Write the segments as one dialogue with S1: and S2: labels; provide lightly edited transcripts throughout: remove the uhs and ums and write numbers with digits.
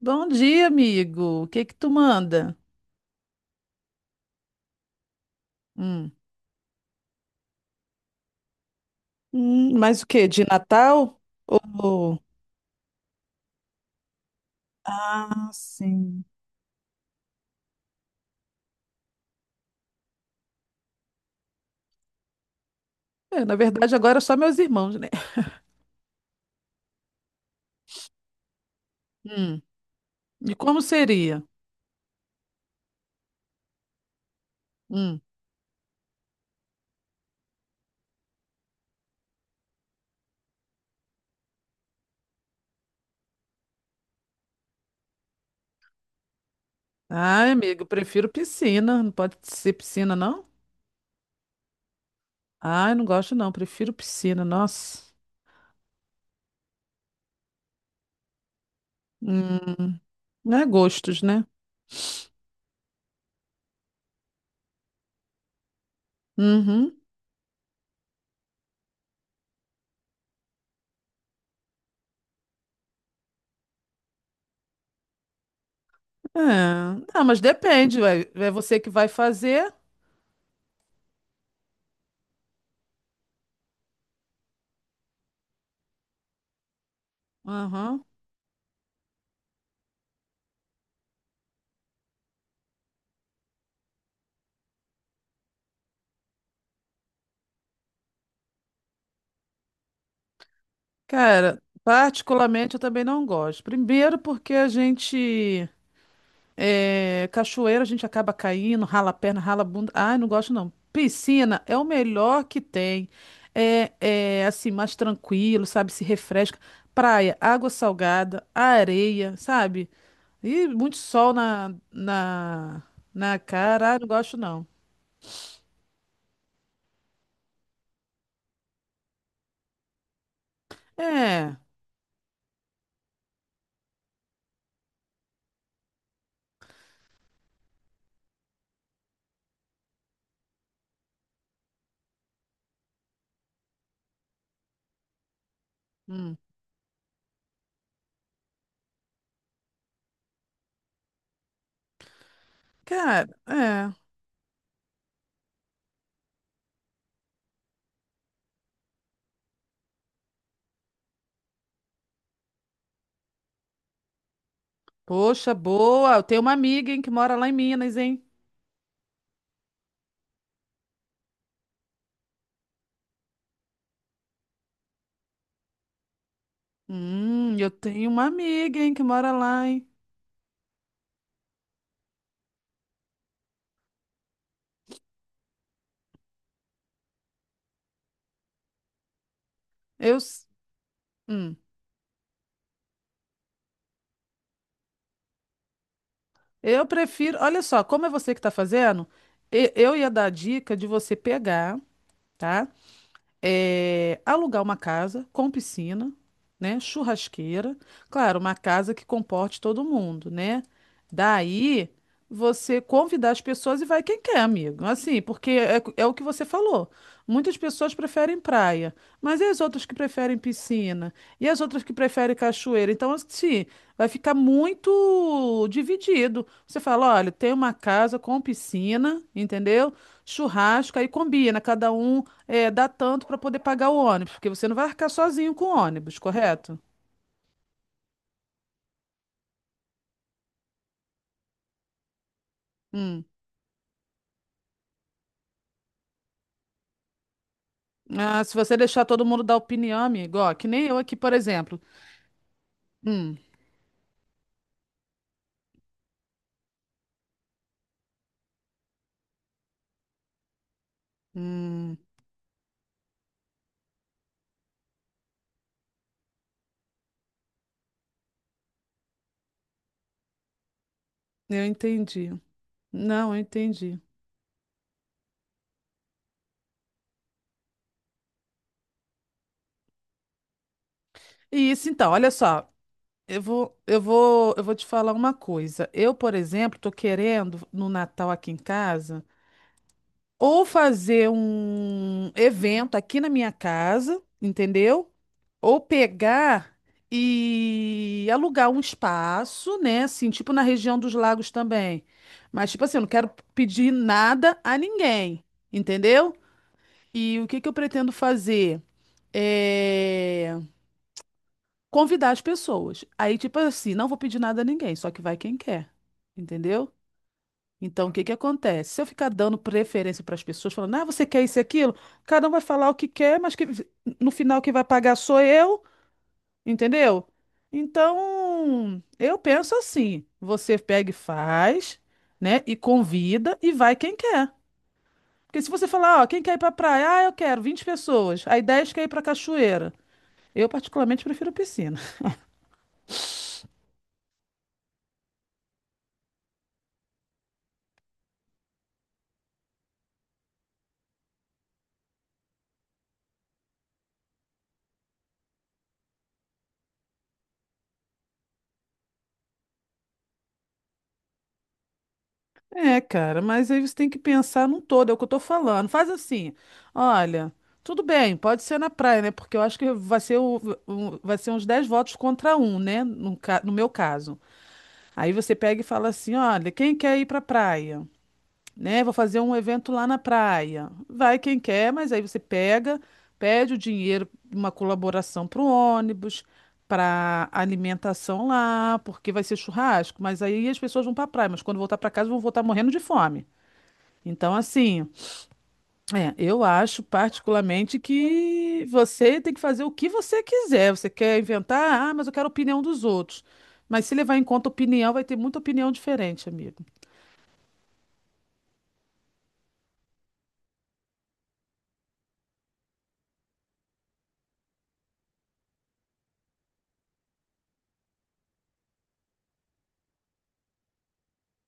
S1: Bom dia, amigo. O que que tu manda? Hum. Mas o quê? De Natal? Ou... Ah, sim. É, na verdade, agora é só meus irmãos, né? Hum. E como seria? Hum. Ai, amigo, prefiro piscina. Não pode ser piscina, não? Ai, não gosto, não. Prefiro piscina, nossa. Hum. Não é gostos, né? Uhum. É. Ah, mas depende, ué. É você que vai fazer. Aham. Cara, particularmente eu também não gosto. Primeiro porque a gente é, cachoeira, a gente acaba caindo, rala a perna, rala a bunda. Ai, não gosto não. Piscina é o melhor que tem. É, é assim, mais tranquilo, sabe? Se refresca. Praia, água salgada, areia, sabe? E muito sol na cara. Ai, não gosto não. É. Hum. Cara, é. Poxa, boa. Eu tenho uma amiga, hein, que mora lá em Minas, hein? Eu tenho uma amiga, hein, que mora lá, hein? Eu, s- hum, eu prefiro. Olha só, como é você que tá fazendo, eu ia dar a dica de você pegar, tá? É, alugar uma casa com piscina, né, churrasqueira, claro, uma casa que comporte todo mundo, né? Daí você convidar as pessoas e vai quem quer, amigo. Assim, porque é, é o que você falou. Muitas pessoas preferem praia, mas e as outras que preferem piscina? E as outras que preferem cachoeira? Então, assim, vai ficar muito dividido. Você fala, olha, tem uma casa com piscina, entendeu? Churrasco, aí combina, cada um. É, dá tanto para poder pagar o ônibus, porque você não vai arcar sozinho com o ônibus, correto? Hum. Ah, se você deixar todo mundo dar opinião, amigo, ó, que nem eu aqui, por exemplo. Hum, hum, eu entendi. Não, eu entendi. E isso então, olha só, eu vou te falar uma coisa. Eu, por exemplo, tô querendo no Natal aqui em casa. Ou fazer um evento aqui na minha casa, entendeu? Ou pegar e alugar um espaço, né? Assim, tipo na região dos lagos também. Mas, tipo assim, eu não quero pedir nada a ninguém, entendeu? E o que que eu pretendo fazer? É convidar as pessoas. Aí, tipo assim, não vou pedir nada a ninguém, só que vai quem quer, entendeu? Então, o que que acontece? Se eu ficar dando preferência para as pessoas, falando, ah, você quer isso e aquilo, cada um vai falar o que quer, mas que no final quem vai pagar sou eu, entendeu? Então, eu penso assim: você pega e faz, né? E convida e vai quem quer. Porque se você falar, ó, quem quer ir para praia? Ah, eu quero 20 pessoas. Aí 10 quer ir para cachoeira. Eu, particularmente, prefiro piscina. É, cara, mas aí você tem que pensar num todo, é o que eu tô falando. Faz assim, olha, tudo bem, pode ser na praia, né? Porque eu acho que vai ser, vai ser uns 10 votos contra um, né? No meu caso. Aí você pega e fala assim, olha, quem quer ir pra praia? Né? Vou fazer um evento lá na praia. Vai quem quer, mas aí você pega, pede o dinheiro, uma colaboração pro ônibus, pra alimentação lá, porque vai ser churrasco, mas aí as pessoas vão pra praia, mas quando voltar pra casa vão voltar morrendo de fome. Então, assim, é, eu acho particularmente que você tem que fazer o que você quiser. Você quer inventar, ah, mas eu quero a opinião dos outros. Mas se levar em conta a opinião, vai ter muita opinião diferente, amigo.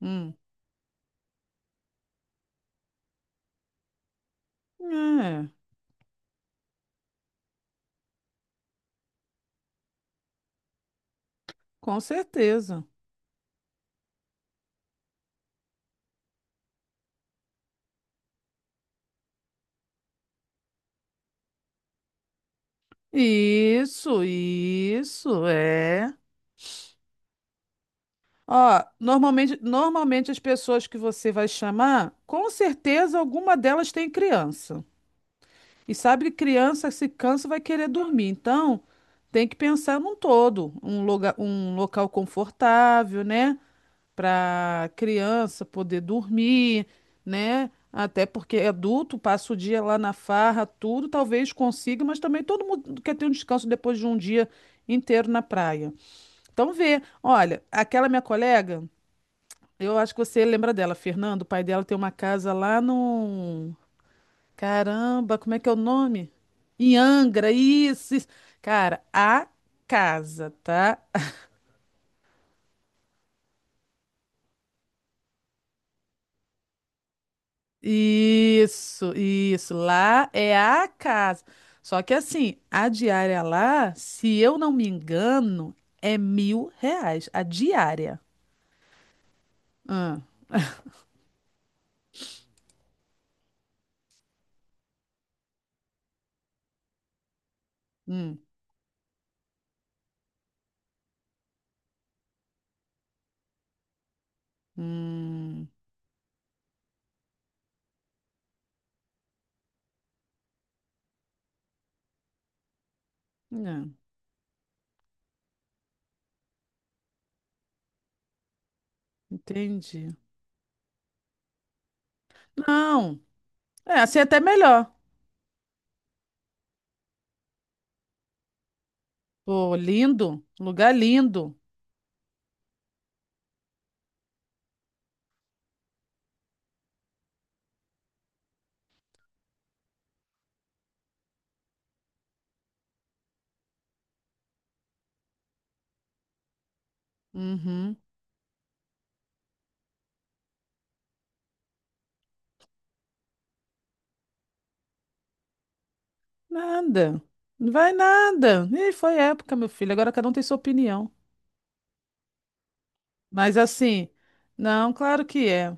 S1: Hum. É, com certeza. Isso, é. Ó, normalmente, normalmente as pessoas que você vai chamar, com certeza alguma delas tem criança. E sabe, criança se cansa vai querer dormir. Então, tem que pensar num todo, um lugar, um local confortável, né, para criança poder dormir, né? Até porque é adulto passa o dia lá na farra, tudo, talvez consiga, mas também todo mundo quer ter um descanso depois de um dia inteiro na praia. Então, vê, olha, aquela minha colega, eu acho que você lembra dela, Fernando, o pai dela tem uma casa lá no. Caramba, como é que é o nome? Em Angra, isso, isso. Cara, a casa, tá? Isso, isso. Lá é a casa. Só que assim, a diária lá, se eu não me engano, é 1.000 reais. A diária. Ah, hum, hum, não, entendi. Não, é assim é até melhor. Pô, lindo, lugar lindo. Uhum. Nada. Não vai nada. E foi época, meu filho. Agora cada um tem sua opinião. Mas assim, não, claro que é.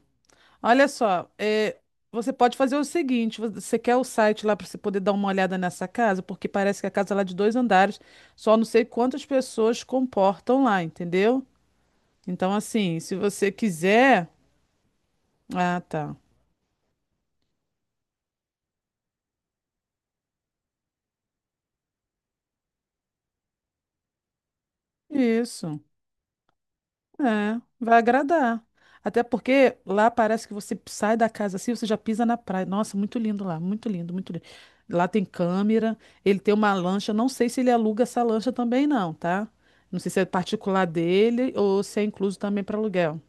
S1: Olha só, é, você pode fazer o seguinte: você quer o site lá para você poder dar uma olhada nessa casa, porque parece que a casa lá é de dois andares, só não sei quantas pessoas comportam lá, entendeu? Então, assim, se você quiser. Ah, tá. Isso. É, vai agradar. Até porque lá parece que você sai da casa assim, você já pisa na praia. Nossa, muito lindo lá, muito lindo, muito lindo. Lá tem câmera, ele tem uma lancha, não sei se ele aluga essa lancha também não, tá? Não sei se é particular dele ou se é incluso também para aluguel.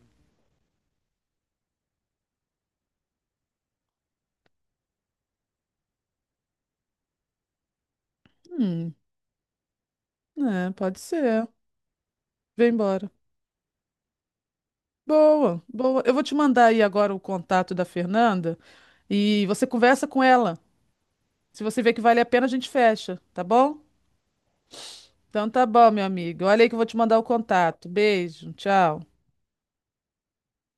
S1: Hum, é, pode ser. Vem embora. Boa, boa. Eu vou te mandar aí agora o contato da Fernanda e você conversa com ela. Se você vê que vale a pena, a gente fecha, tá bom? Então tá bom, meu amigo. Olha aí que eu vou te mandar o contato. Beijo, tchau.